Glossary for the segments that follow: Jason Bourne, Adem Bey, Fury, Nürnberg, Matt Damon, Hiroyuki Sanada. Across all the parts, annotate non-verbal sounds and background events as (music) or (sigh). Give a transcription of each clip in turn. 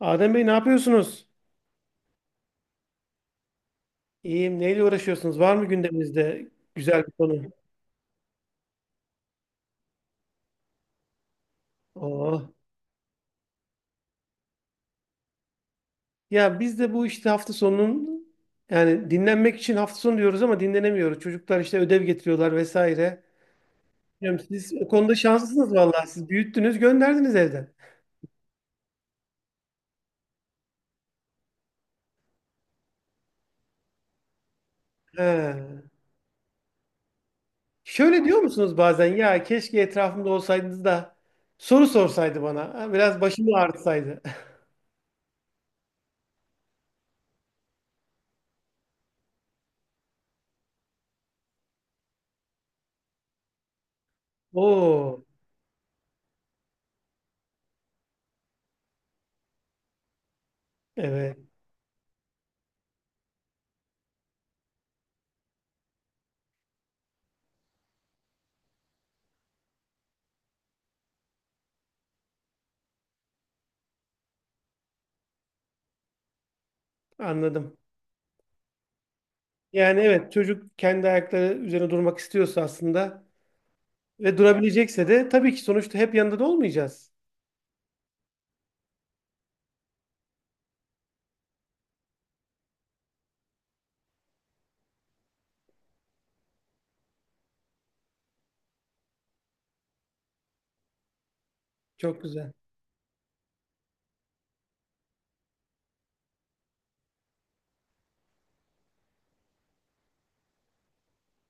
Adem Bey ne yapıyorsunuz? İyiyim. Neyle uğraşıyorsunuz? Var mı gündeminizde güzel bir konu? Oh. Ya biz de bu işte hafta sonunun yani dinlenmek için hafta sonu diyoruz ama dinlenemiyoruz. Çocuklar işte ödev getiriyorlar vesaire. Bilmiyorum, siz o konuda şanslısınız vallahi. Siz büyüttünüz, gönderdiniz evden. He. Şöyle diyor musunuz bazen ya keşke etrafımda olsaydınız da soru sorsaydı bana. Ha, biraz başımı ağrıtsaydı. (laughs) Oo, evet anladım. Yani evet çocuk kendi ayakları üzerine durmak istiyorsa aslında ve durabilecekse de tabii ki sonuçta hep yanında da olmayacağız. Çok güzel.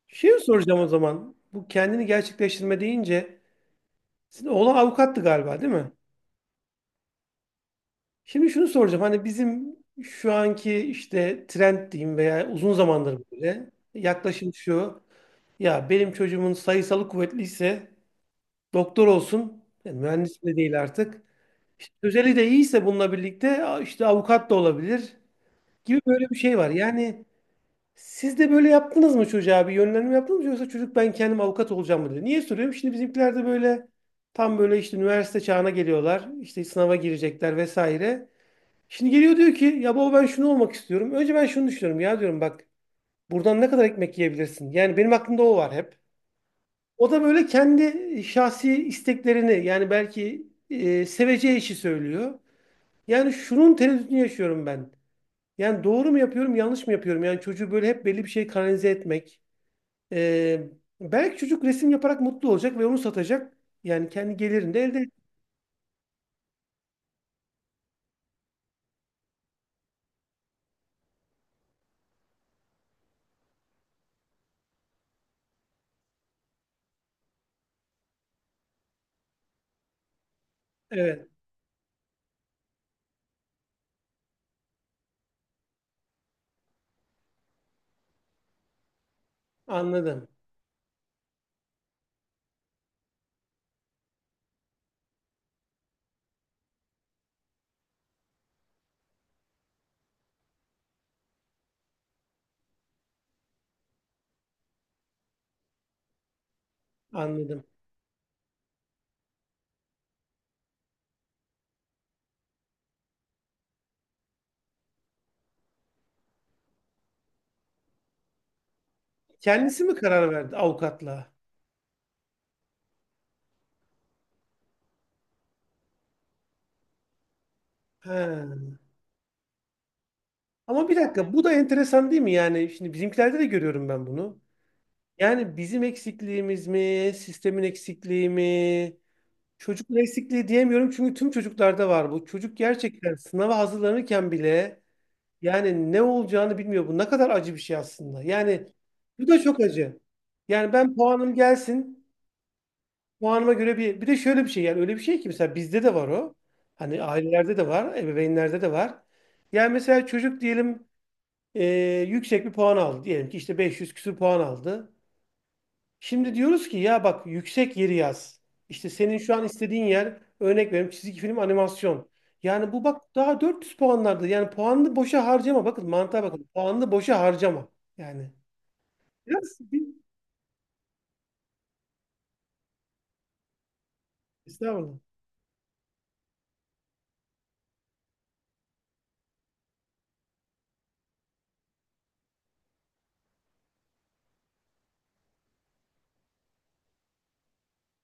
Şey soracağım o zaman? Bu kendini gerçekleştirme deyince sizin oğlan avukattı galiba değil mi? Şimdi şunu soracağım. Hani bizim şu anki işte trend diyeyim veya uzun zamandır böyle yaklaşım şu. Ya benim çocuğumun sayısalı kuvvetliyse doktor olsun. Yani mühendis de değil artık. İşte özeli de iyiyse bununla birlikte işte avukat da olabilir, gibi böyle bir şey var. Yani siz de böyle yaptınız mı, çocuğa bir yönlendirme yaptınız mı, yoksa çocuk ben kendim avukat olacağım mı dedi. Niye soruyorum? Şimdi bizimkiler de böyle tam böyle işte üniversite çağına geliyorlar. İşte sınava girecekler vesaire. Şimdi geliyor diyor ki ya baba ben şunu olmak istiyorum. Önce ben şunu düşünüyorum ya diyorum bak buradan ne kadar ekmek yiyebilirsin? Yani benim aklımda o var hep. O da böyle kendi şahsi isteklerini yani belki seveceği işi söylüyor. Yani şunun tereddütünü yaşıyorum ben. Yani doğru mu yapıyorum, yanlış mı yapıyorum? Yani çocuğu böyle hep belli bir şey kanalize etmek. Ee, Belki çocuk resim yaparak mutlu olacak ve onu satacak. Yani kendi gelirini de elde edecek. Evet, anladım, anladım. Kendisi mi karar verdi avukatla? He. Ama bir dakika, bu da enteresan değil mi? Yani şimdi bizimkilerde de görüyorum ben bunu. Yani bizim eksikliğimiz mi, sistemin eksikliği mi? Çocuklar eksikliği diyemiyorum çünkü tüm çocuklarda var bu. Çocuk gerçekten sınava hazırlanırken bile yani ne olacağını bilmiyor. Bu ne kadar acı bir şey aslında. Yani bu da çok acı. Yani ben puanım gelsin. Puanıma göre bir de şöyle bir şey yani öyle bir şey ki mesela bizde de var o. Hani ailelerde de var, ebeveynlerde de var. Yani mesela çocuk diyelim e, yüksek bir puan aldı. Diyelim ki işte 500 küsur puan aldı. Şimdi diyoruz ki ya bak yüksek yeri yaz. İşte senin şu an istediğin yer, örnek veriyorum, çizgi film animasyon. Yani bu bak daha 400 puanlarda. Yani puanlı boşa harcama. Bakın mantığa bakın. Puanlı boşa harcama. Yani biraz bir estağfurullah.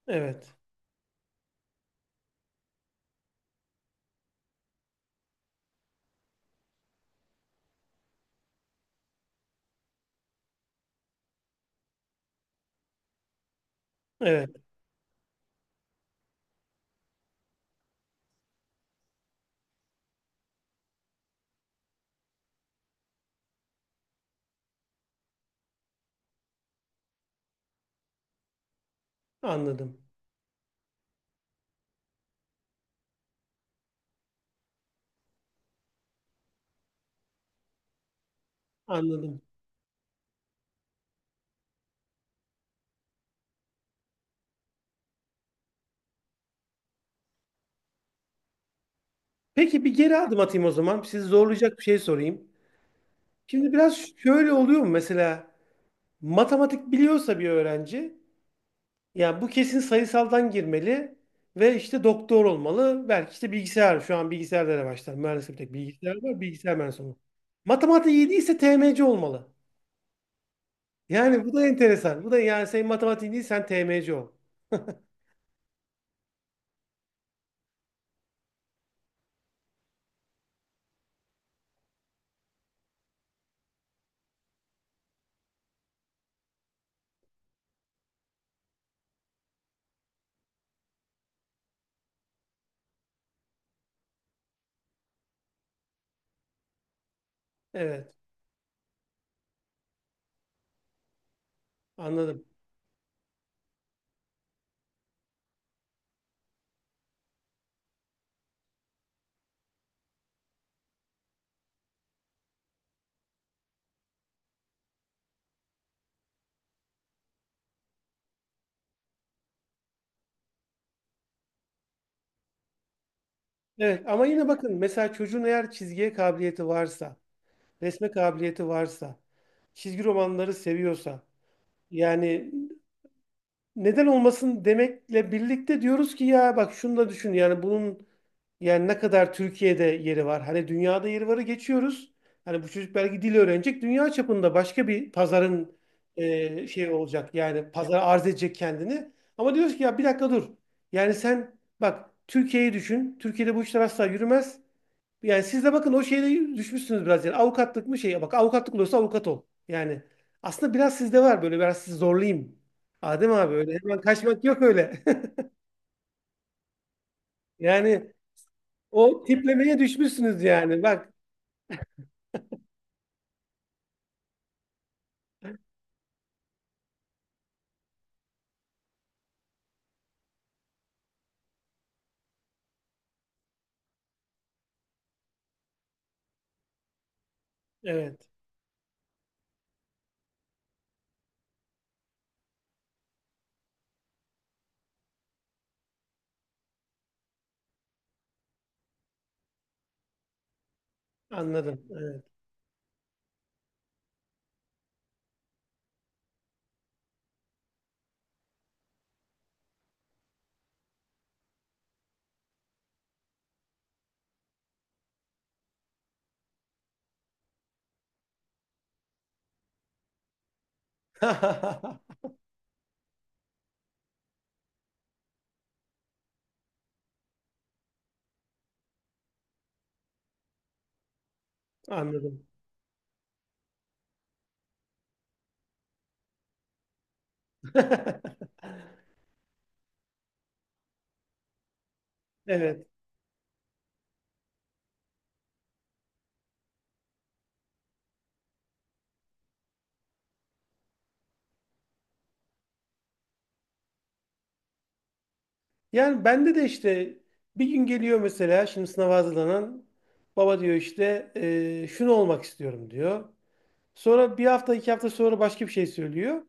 Evet. Evet. Anladım. Anladım. Peki bir geri adım atayım o zaman. Sizi zorlayacak bir şey sorayım. Şimdi biraz şöyle oluyor mu mesela matematik biliyorsa bir öğrenci, yani bu kesin sayısaldan girmeli ve işte doktor olmalı. Belki işte bilgisayar. Şu an bilgisayarlara başlar. Mühendislik bir tek bilgisayar var. Bilgisayar mühendisi olmalı. Matematik iyi değilse TMC olmalı. Yani bu da enteresan. Bu da yani senin matematiğin değil sen TMC ol. (laughs) Evet, anladım. Evet ama yine bakın mesela çocuğun eğer çizgiye kabiliyeti varsa, resme kabiliyeti varsa, çizgi romanları seviyorsa yani neden olmasın demekle birlikte diyoruz ki ya bak şunu da düşün yani bunun, yani ne kadar Türkiye'de yeri var. Hani dünyada yeri varı geçiyoruz. Hani bu çocuk belki dil öğrenecek. Dünya çapında başka bir pazarın şey olacak. Yani pazara arz edecek kendini. Ama diyoruz ki ya bir dakika dur. Yani sen bak Türkiye'yi düşün. Türkiye'de bu işler asla yürümez. Yani siz de bakın o şeyde düşmüşsünüz biraz. Yani avukatlık mı şey? Bak avukatlık olursa avukat ol. Yani aslında biraz sizde var böyle, biraz sizi zorlayayım. Adem abi öyle hemen kaçmak yok öyle. (laughs) Yani o tiplemeye düşmüşsünüz yani. Bak evet, anladım. Evet. (laughs) Anladım. (laughs) Evet. Yani bende de işte bir gün geliyor mesela şimdi sınava hazırlanan baba diyor işte Şunu olmak istiyorum diyor. Sonra bir hafta iki hafta sonra başka bir şey söylüyor.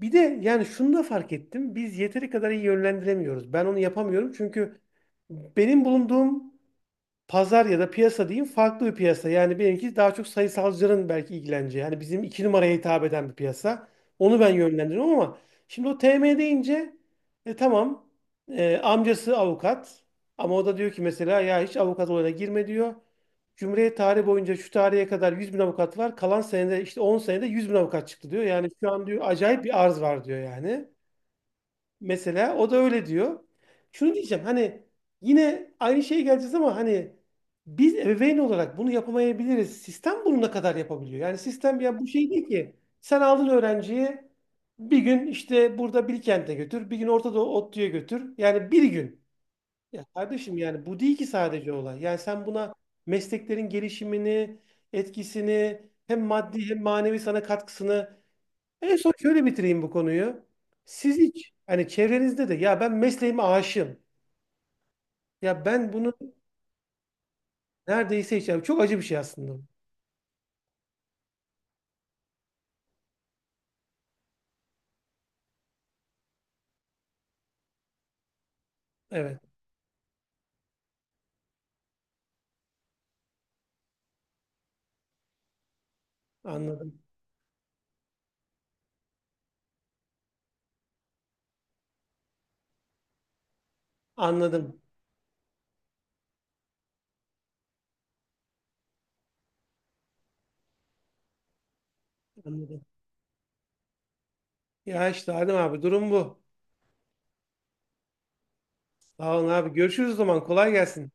Bir de yani şunu da fark ettim. Biz yeteri kadar iyi yönlendiremiyoruz. Ben onu yapamıyorum çünkü benim bulunduğum pazar ya da piyasa diyeyim farklı bir piyasa. Yani benimki daha çok sayısalcıların belki ilgileneceği. Yani bizim iki numaraya hitap eden bir piyasa. Onu ben yönlendiriyorum ama şimdi o TM deyince tamam amcası avukat ama o da diyor ki mesela ya hiç avukat olayına girme diyor. Cumhuriyet tarihi boyunca şu tarihe kadar 100.000 avukat var. Kalan senede işte 10 senede 100.000 avukat çıktı diyor. Yani şu an diyor acayip bir arz var diyor yani. Mesela o da öyle diyor. Şunu diyeceğim hani yine aynı şeye geleceğiz ama hani biz ebeveyn olarak bunu yapamayabiliriz. Sistem bunu ne kadar yapabiliyor? Yani sistem ya bu şey değil ki. Sen aldın öğrenciyi, bir gün işte burada Bilkent'e götür, bir gün Orta Doğu ODTÜ'ye götür. Yani bir gün. Ya kardeşim yani bu değil ki sadece olay. Yani sen buna mesleklerin gelişimini, etkisini, hem maddi hem manevi sana katkısını en son şöyle bitireyim bu konuyu. Siz hiç hani çevrenizde de ya ben mesleğime aşığım. Ya ben bunu neredeyse hiç yap. Çok acı bir şey aslında bu. Evet anladım. Anladım. Anladım. Ya işte Adem abi durum bu. Sağ olun abi. Görüşürüz o zaman. Kolay gelsin.